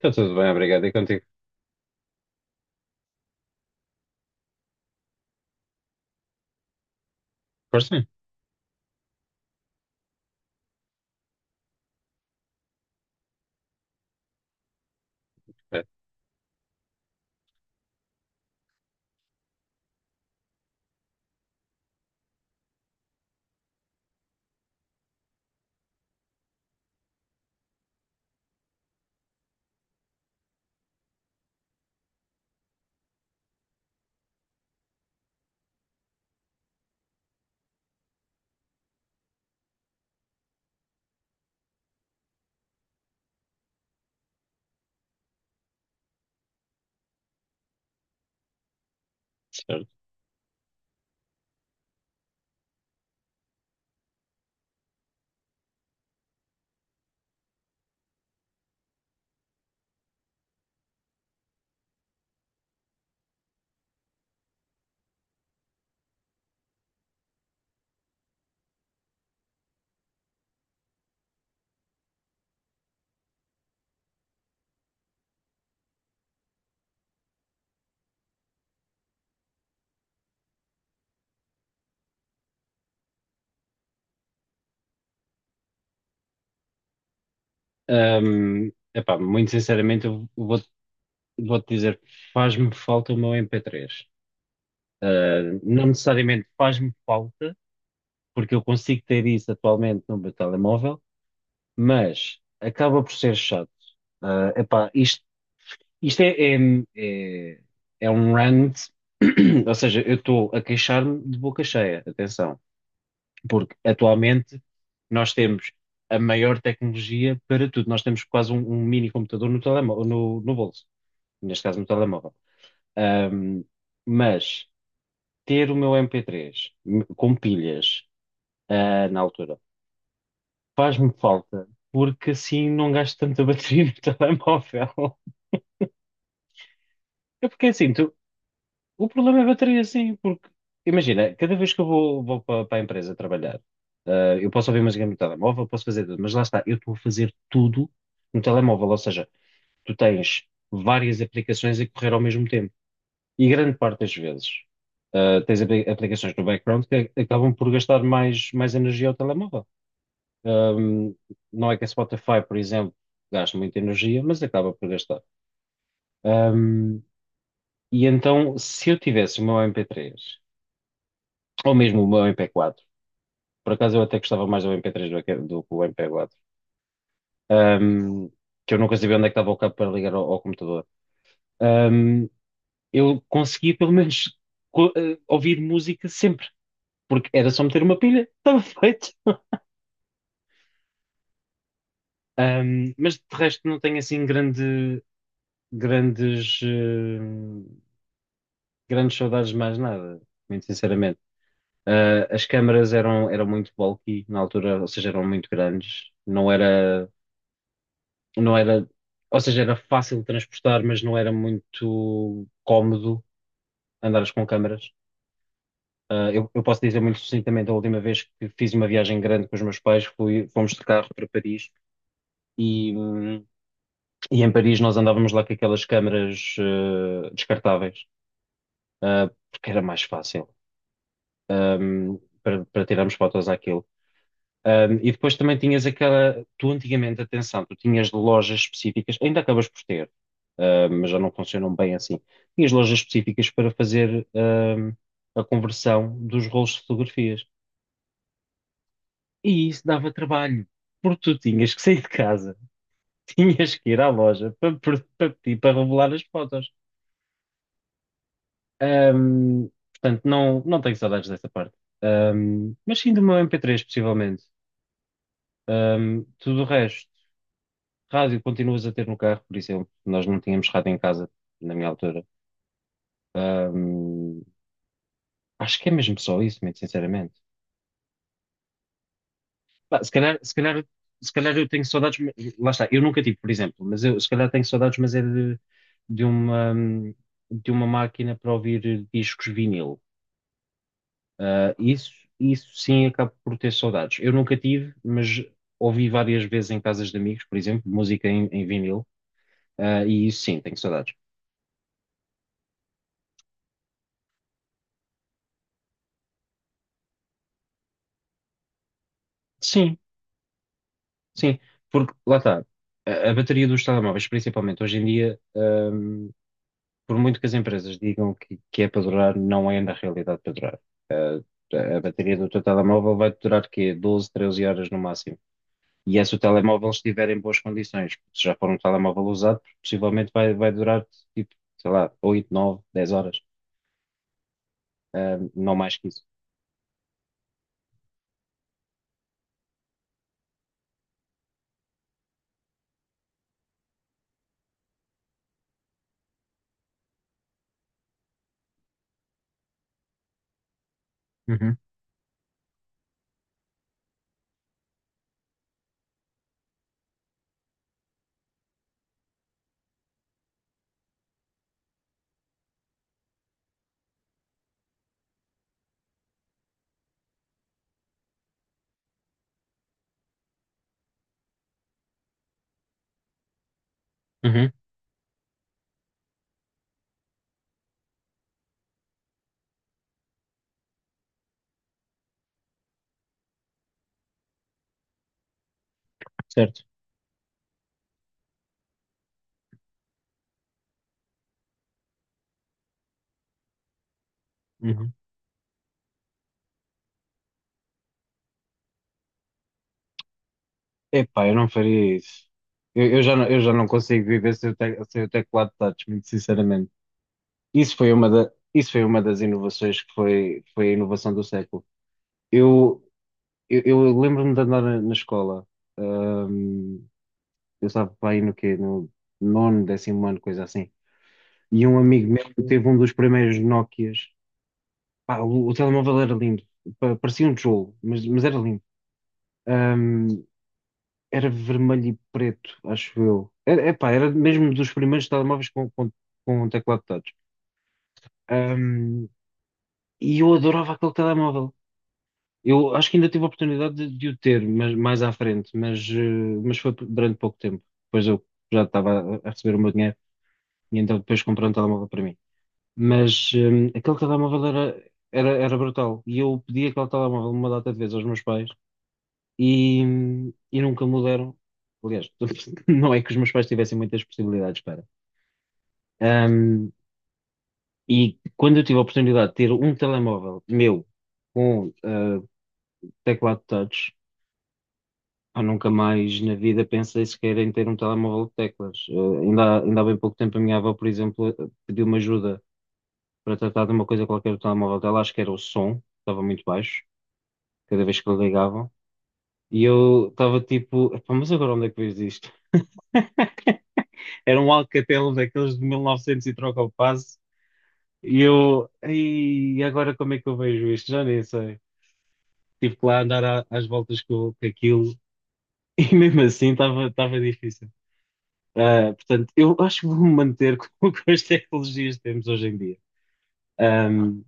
Está tudo bem, obrigado. E contigo? Força? É, certo. Epá, muito sinceramente, vou-te dizer, faz-me falta o meu MP3. Ah, não necessariamente faz-me falta, porque eu consigo ter isso atualmente no meu telemóvel, mas acaba por ser chato. Ah, epá, isto, isto é, é, é, é um rant. Ou seja, eu estou a queixar-me de boca cheia, atenção. Porque atualmente nós temos a maior tecnologia para tudo. Nós temos quase um mini computador no telemóvel, no bolso, neste caso no telemóvel. Ahm, mas ter o meu MP3 com pilhas, na altura, faz-me falta, porque assim não gasto tanta bateria no telemóvel. É porque assim, tu, o problema é a bateria, sim, porque imagina, cada vez que vou para, a empresa trabalhar, eu posso ouvir música no telemóvel, posso fazer tudo, mas lá está, eu estou a fazer tudo no telemóvel, ou seja, tu tens várias aplicações a correr ao mesmo tempo. E grande parte das vezes, tens aplicações no background que acabam por gastar mais energia ao telemóvel. Ahm, não é que a Spotify, por exemplo, gaste muita energia, mas acaba por gastar. Ahm, e então, se eu tivesse o meu MP3 ou mesmo o MP4. Por acaso eu até gostava mais do MP3 do que o MP4. Ahm, que eu nunca sabia onde é que estava o cabo para ligar ao computador. Ahm, eu conseguia pelo menos ouvir música sempre, porque era só meter uma pilha, estava feito. Mas de resto não tenho assim grandes, eh, grandes saudades de mais nada, muito sinceramente. Ah, as câmaras eram muito bulky na altura, ou seja, eram muito grandes. Não era não era, ou seja, era fácil de transportar, mas não era muito cómodo andares com câmaras. Ah, eu posso dizer muito sucintamente, a última vez que fiz uma viagem grande com os meus pais, fomos de carro para Paris e, hum, e em Paris nós andávamos lá com aquelas câmaras descartáveis, porque era mais fácil hum, para tirarmos fotos àquilo. E depois também tinhas aquela. Tu antigamente, atenção, tu tinhas lojas específicas, ainda acabas por ter, mas já não funcionam bem assim. Tinhas lojas específicas para fazer, a conversão dos rolos de fotografias. E isso dava trabalho, porque tu tinhas que sair de casa, tinhas que ir à loja para pedir para revelar as fotos. Um, portanto, não, não tenho saudades dessa parte. Mas sim do meu MP3, possivelmente. Tudo o resto. Rádio continuas a ter no carro, por exemplo. Nós não tínhamos rádio em casa, na minha altura. Ahm, acho que é mesmo só isso, muito sinceramente. Pá, se calhar eu tenho saudades, lá está, eu nunca tive, por exemplo, mas eu se calhar tenho saudades, mas é de uma, de uma máquina para ouvir discos vinil. Ah, isso sim, acabo por ter saudades. Eu nunca tive, mas ouvi várias vezes em casas de amigos, por exemplo, música em vinil. Ah, e isso sim, tenho saudades. Sim, sim, porque lá está, a bateria dos telemóveis, principalmente hoje em dia, por muito que as empresas digam que é para durar, não é na realidade para durar. A bateria do teu telemóvel vai durar quê? Doze, 13 horas no máximo. E é se o telemóvel estiver em boas condições. Se já for um telemóvel usado, possivelmente vai durar tipo, sei lá, 8, 9, 10 horas não mais que isso. Uhum, uhum, certo. Uhum. Epá, eu não faria isso. Eu já não consigo viver sem sem o teclado touch, muito sinceramente. Isso foi uma das inovações que foi a inovação do século. Eu, eu lembro-me de andar na escola, hum, eu estava para aí no quê? No nono, décimo ano, coisa assim. E um amigo meu teve um dos primeiros Nokias. Pá, o telemóvel era lindo, parecia um tijolo, mas era lindo. Hum, Era vermelho e preto, acho eu. Epá, era mesmo dos primeiros telemóveis com um teclado touch. Ahm, e eu adorava aquele telemóvel. Eu acho que ainda tive a oportunidade de o ter, mas mais à frente, mas foi durante pouco tempo. Depois eu já estava a receber o meu dinheiro e então depois comprei um telemóvel para mim. Mas aquele telemóvel era brutal. E eu pedi aquele telemóvel uma data de vezes aos meus pais e, e nunca me deram. Aliás, não é que os meus pais tivessem muitas possibilidades para. Ahm, e quando eu tive a oportunidade de ter um telemóvel meu com teclado touch, eu nunca mais na vida pensei sequer em ter um telemóvel de teclas. Ah, ainda há bem pouco tempo a minha avó, por exemplo, pediu-me ajuda para tratar de uma coisa qualquer do telemóvel dela. Acho que era o som, estava muito baixo, cada vez que ligavam. E eu estava tipo, "Epá, mas agora onde é que vejo isto? Era um Alcatel daqueles de 1900 e novecentos e troca o passo. E eu, e agora como é que eu vejo isto? Já nem sei." Tive que lá andar às voltas com aquilo e mesmo assim estava difícil. Ah, portanto, eu acho que vou-me manter com as tecnologias que temos hoje em dia. Ahm,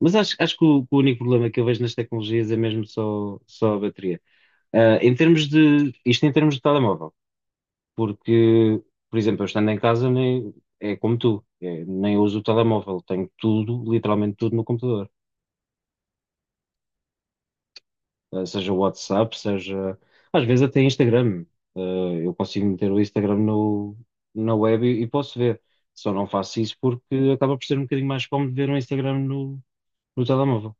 mas acho que o, único problema que eu vejo nas tecnologias é mesmo só a bateria. Ah, isto em termos de telemóvel. Porque, por exemplo, eu estando em casa nem, é como tu, é, nem uso o telemóvel, tenho tudo, literalmente tudo no computador. Seja o WhatsApp, seja às vezes até Instagram. Eu consigo meter o Instagram no, na web e posso ver. Só não faço isso porque acaba por ser um bocadinho mais cómodo ver o Instagram no telemóvel.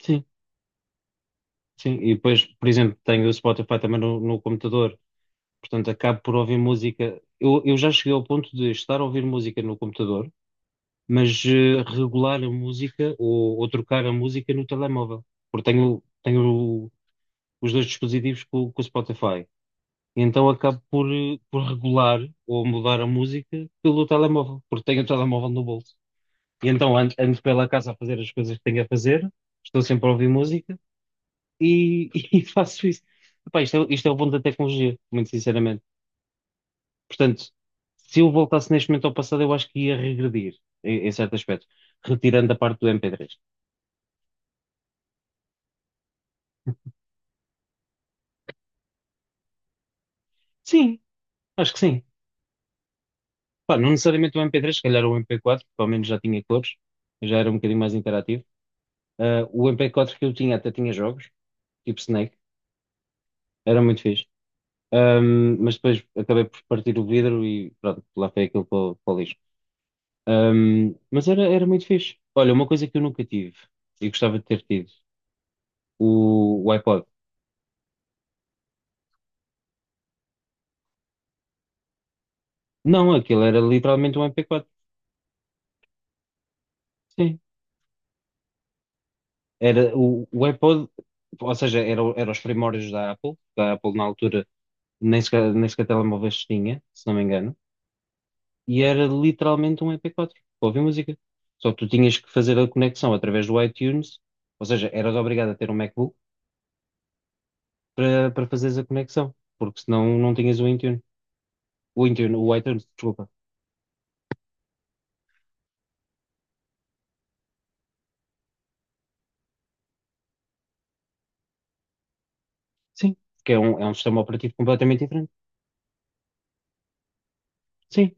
Sim, sim. E depois, por exemplo, tenho o Spotify também no computador, portanto acabo por ouvir música. Eu já cheguei ao ponto de estar a ouvir música no computador mas regular a música ou trocar a música no telemóvel, porque tenho os dois dispositivos com o Spotify. E então acabo por, por regular ou mudar a música pelo telemóvel, porque tenho o telemóvel no bolso. E então ando pela casa a fazer as coisas que tenho a fazer, estou sempre a ouvir música e faço isso. Epá, isto é o bom da tecnologia, muito sinceramente. Portanto, se eu voltasse neste momento ao passado, eu acho que ia regredir em certo aspecto, retirando a parte do MP3. Sim, acho que sim. Pá, não necessariamente o MP3, se calhar o MP4, porque ao menos já tinha cores, já era um bocadinho mais interativo. Ah, o MP4 que eu tinha até tinha jogos, tipo Snake, era muito fixe. Mas depois acabei por partir o vidro e pronto, lá foi aquilo para o lixo. Mas era muito fixe. Olha, uma coisa que eu nunca tive e gostava de ter tido, o iPod. Não, aquilo era literalmente um MP4. Sim. Era o iPod, ou seja, era os primórdios da Apple, na altura nem sequer telemóveis tinha, se não me engano, e era literalmente um MP4 para ouvir música. Só que tu tinhas que fazer a conexão através do iTunes, ou seja, eras obrigado a ter um MacBook para fazeres a conexão, porque senão não tinhas o iTunes. O iTunes, desculpa. Sim, que é é um sistema operativo completamente diferente. Sim.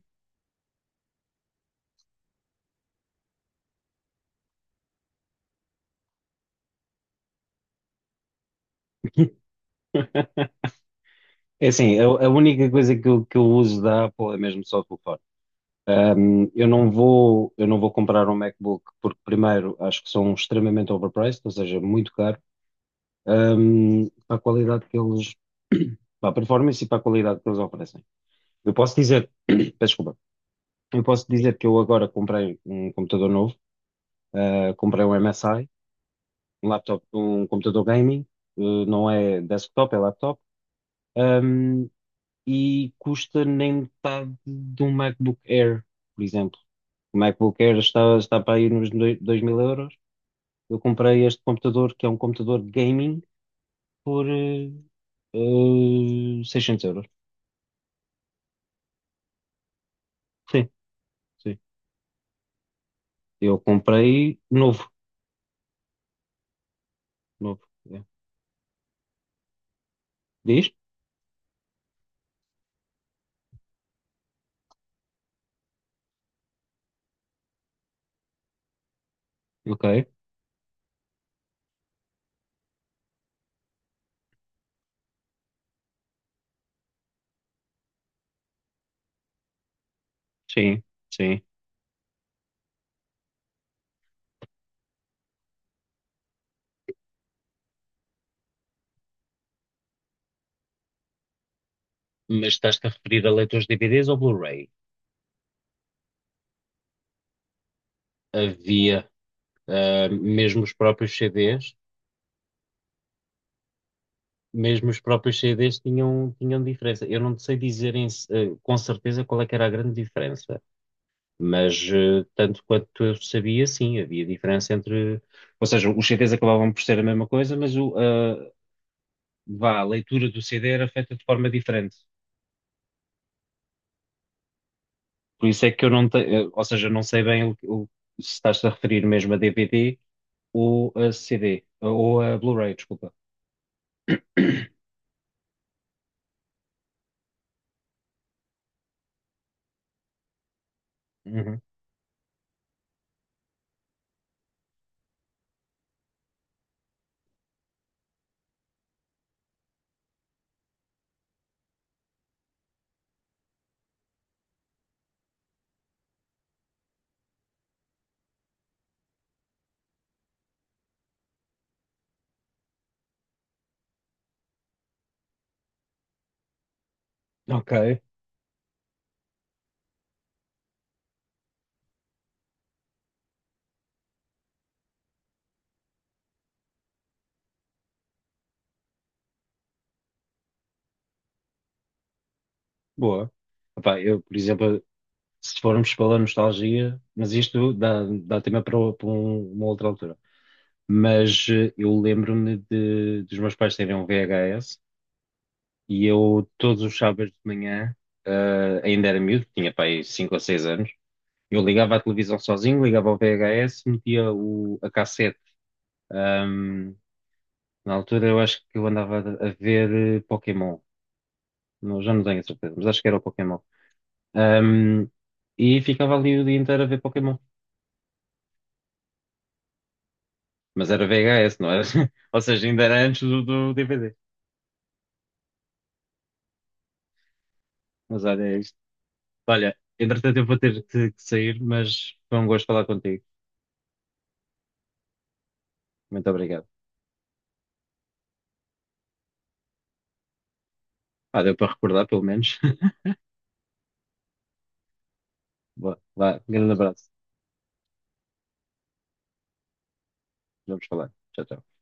É assim, a única coisa que eu uso da Apple é mesmo só o telefone. Eu não vou comprar um MacBook porque, primeiro, acho que são extremamente overpriced, ou seja, muito caro. Para a qualidade que eles, para a performance e para a qualidade que eles oferecem. Eu posso dizer, peço desculpa, eu posso dizer que eu agora comprei um computador novo, comprei um MSI, um laptop, um computador gaming, não é desktop, é laptop, hum, e custa nem metade de um MacBook Air, por exemplo. O MacBook Air está para aí nos 2000 euros. Eu comprei este computador, que é um computador gaming, por 600 euros. Sim, eu comprei novo, novo. É. Diz? Ok. Sim, sim. Mas estás-te a referir a leitores DVDs ou Blu-ray? Havia, mesmo os próprios CDs tinham diferença. Eu não sei dizer com certeza qual é que era a grande diferença, tanto quanto eu sabia, sim, havia diferença entre. Ou seja, os CDs acabavam por ser a mesma coisa, mas vá, a leitura do CD era feita de forma diferente. Por isso é que eu não tenho, ou seja, não sei bem o- se estás a referir mesmo a DVD ou a CD, ou a Blu-ray, desculpa. Uhum. Ok, boa. Epá, eu, por exemplo, se formos pela nostalgia, mas isto dá tema para uma outra altura. Mas eu lembro-me dos meus pais terem um VHS e eu, todos os sábados de manhã, ainda era miúdo, tinha pai 5 ou 6 anos. Eu ligava à televisão sozinho, ligava ao VHS, metia a cassete. Ahm, Na altura eu acho que eu andava a ver Pokémon. Não, já não tenho a certeza, mas acho que era o Pokémon. Ahm, e ficava ali o dia inteiro a ver Pokémon. Mas era VHS, não era? Ou seja, ainda era antes do DVD. Mas olha, é isto. Olha, entretanto eu vou ter que sair, mas foi um gosto falar contigo. Muito obrigado. Ah, deu para recordar, pelo menos. Boa, vá, grande abraço. Vamos falar. Tchau, tchau.